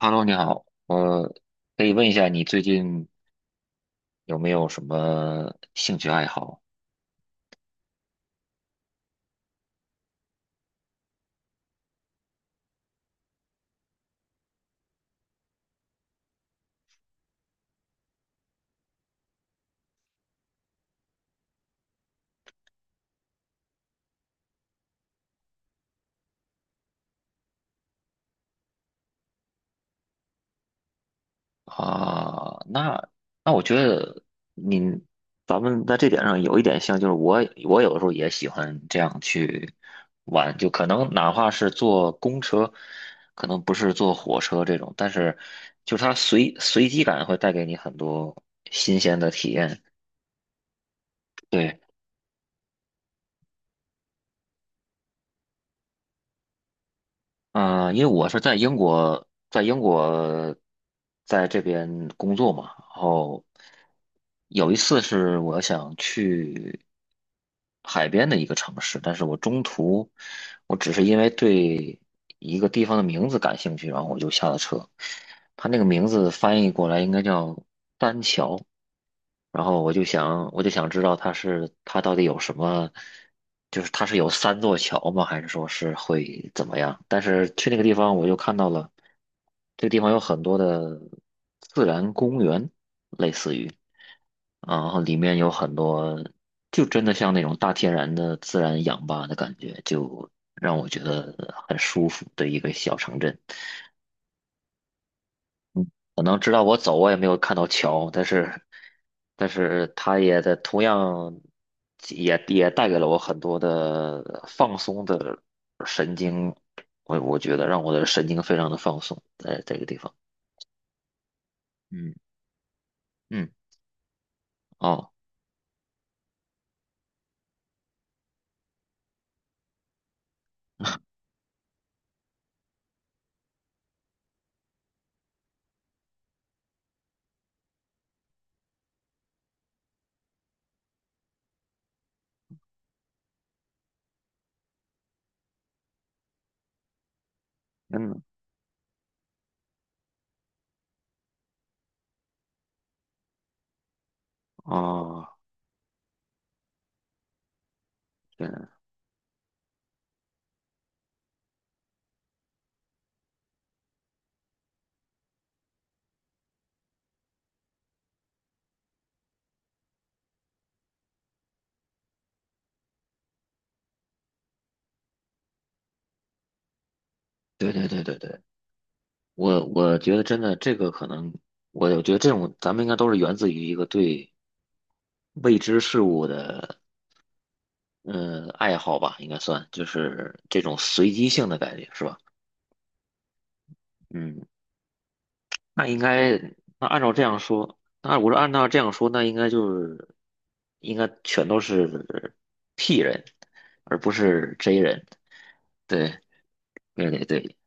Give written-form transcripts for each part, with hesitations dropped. Hello，你好，我可以问一下你最近有没有什么兴趣爱好啊？那我觉得你咱们在这点上有一点像，就是我有的时候也喜欢这样去玩，就可能哪怕是坐公车，可能不是坐火车这种，但是就是它随机感会带给你很多新鲜的体验。对。因为我是在英国，在这边工作嘛，然后有一次是我想去海边的一个城市，但是我中途只是因为对一个地方的名字感兴趣，然后我就下了车，它那个名字翻译过来应该叫丹桥。我就想知道它到底有什么，就是它是有三座桥吗？还是说是会怎么样？但是去那个地方，我就看到了这个地方有很多的自然公园，类似于，然后里面有很多，就真的像那种大天然的自然氧吧的感觉，就让我觉得很舒服的一个小城镇。嗯，可能直到我走，我也没有看到桥，但是，但是它也在同样也带给了我很多的放松的神经，我觉得让我的神经非常的放松，在这个地方，嗯嗯。哦嗯哦，对对对对对，对，我觉得真的这个可能，我觉得这种咱们应该都是源自于一个对未知事物的嗯，爱好吧，应该算，就是这种随机性的感觉，是吧？嗯，那应该，那按照这样说，那我说按照这样说，那应该就是，应该全都是 P 人，而不是 J 人。对，对对对，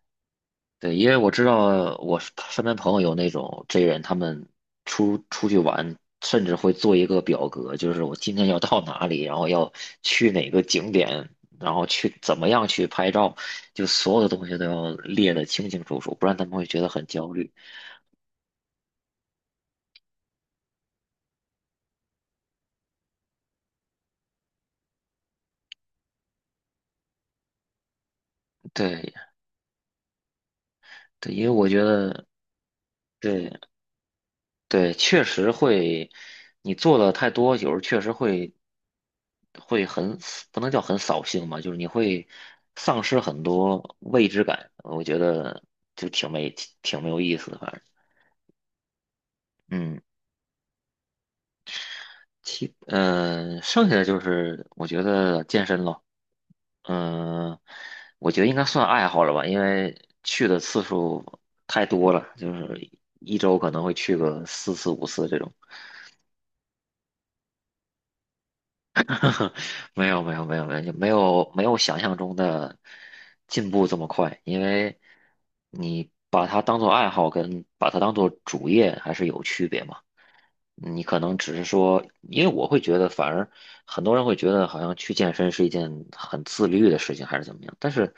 对，因为我知道我身边朋友有那种 J 人，他们出去玩，甚至会做一个表格，就是我今天要到哪里，然后要去哪个景点，然后去怎么样去拍照，就所有的东西都要列得清清楚楚，不然他们会觉得很焦虑。对对，因为我觉得，对，对，确实会，你做的太多，有时候确实会很死不能叫很扫兴吧，就是你会丧失很多未知感，我觉得就挺没挺没有意思的，反正嗯，剩下的就是我觉得健身咯，嗯、我觉得应该算爱好了吧，因为去的次数太多了，就是一周可能会去个四次五次这种。没有没有没有没有，就没有想象中的进步这么快，因为你把它当做爱好跟把它当做主业还是有区别嘛。你可能只是说，因为我会觉得，反而很多人会觉得好像去健身是一件很自律的事情，还是怎么样。但是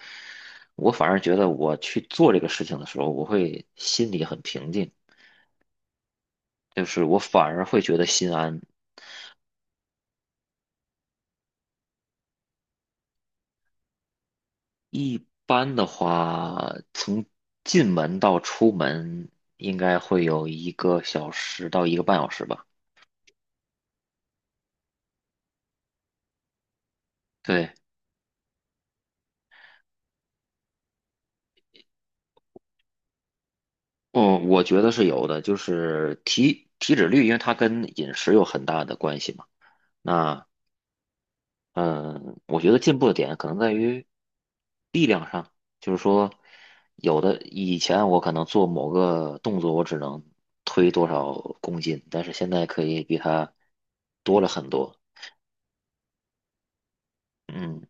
我反而觉得，我去做这个事情的时候，我会心里很平静，就是我反而会觉得心安，一般的话，从进门到出门应该会有一个小时到一个半小时吧。对，嗯，我觉得是有的，就是体脂率，因为它跟饮食有很大的关系嘛。那嗯，我觉得进步的点可能在于力量上，就是说，有的以前我可能做某个动作，我只能推多少公斤，但是现在可以比它多了很多。嗯，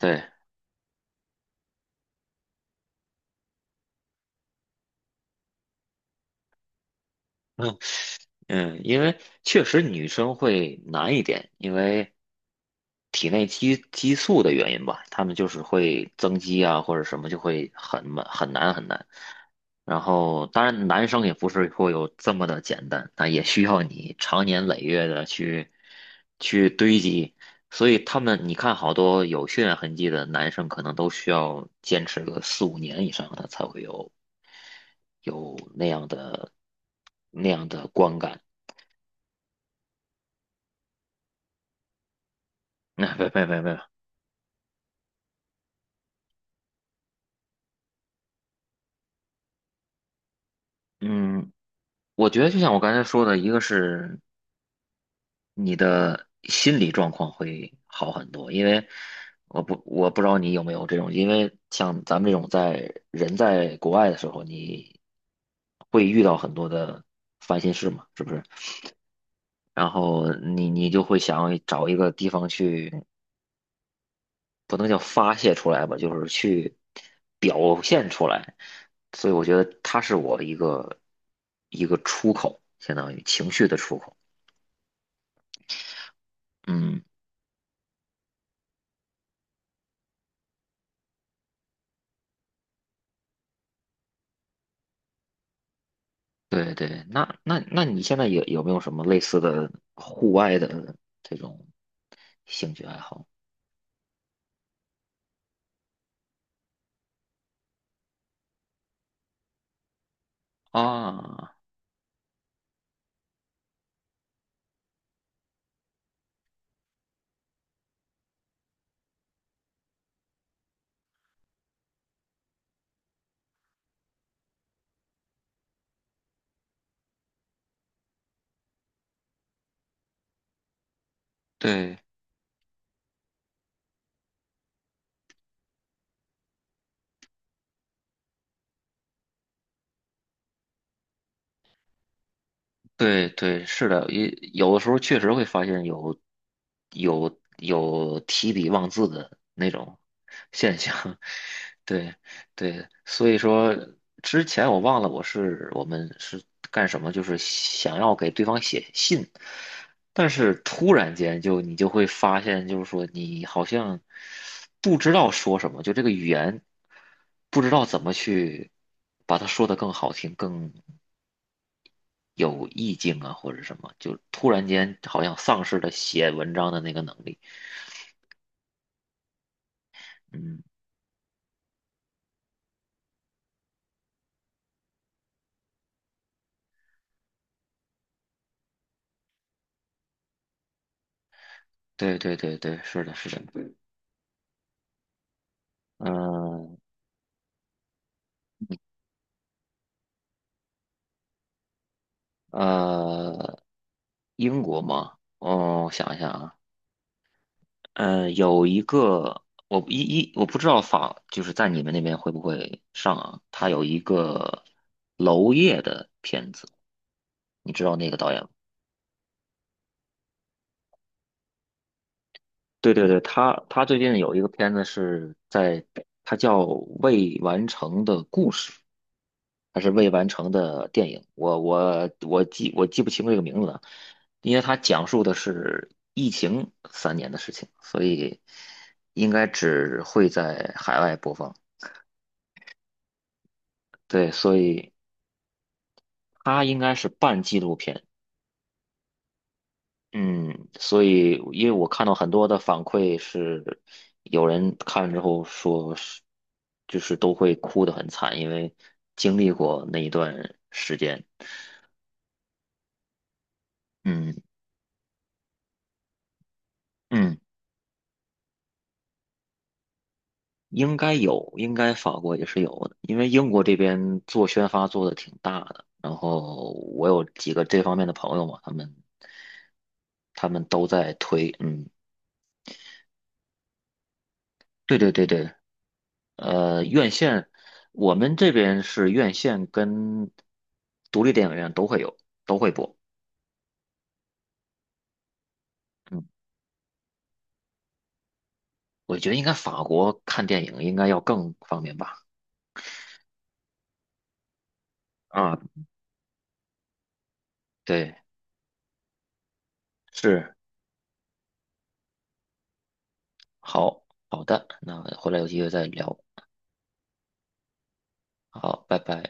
对。嗯，因为确实女生会难一点，因为体内激素的原因吧，她们就是会增肌啊，或者什么就会很慢很难很难。然后，当然男生也不是会有这么的简单，那也需要你长年累月的去去堆积。所以他们，你看好多有血缘痕迹的男生，可能都需要坚持个四五年以上，他才会有有那样的那样的观感。那没没没没嗯，我觉得就像我刚才说的，一个是你的心理状况会好很多，因为我不知道你有没有这种，因为像咱们这种在人在国外的时候，你会遇到很多的烦心事嘛，是不是？然后你就会想找一个地方去，不能叫发泄出来吧，就是去表现出来。所以我觉得它是我一个一个出口，相当于情绪的出口。嗯，对对，那那你现在有没有什么类似的户外的这种兴趣爱好？啊，对对对，是的，也有的时候确实会发现有有提笔忘字的那种现象，对对，所以说之前我忘了我们是干什么，就是想要给对方写信，但是突然间你就会发现，就是说你好像不知道说什么，就这个语言不知道怎么去把它说得更好听、更有意境啊，或者什么，就突然间好像丧失了写文章的那个能力。嗯，对对对对，是的，是的。嗯呃，英国吗？哦，我想一下啊，呃，有一个我一一我不知道就是在你们那边会不会上啊？他有一个娄烨的片子，你知道那个导演吗？对对对，他最近有一个片子是在，他叫《未完成的故事》，还是未完成的电影，我记不清这个名字了，因为它讲述的是疫情三年的事情，所以应该只会在海外播放。对，所以它应该是半纪录片。嗯，所以因为我看到很多的反馈是，有人看了之后说是，就是都会哭得很惨，因为经历过那一段时间。嗯嗯。应该有，应该法国也是有的，因为英国这边做宣发做的挺大的，然后我有几个这方面的朋友嘛，他们都在推，嗯，对对对对，呃，院线，我们这边是院线跟独立电影院都会有，都会播，嗯，我觉得应该法国看电影应该要更方便吧，啊，对，是，好，好的，那回来有机会再聊，好，拜拜。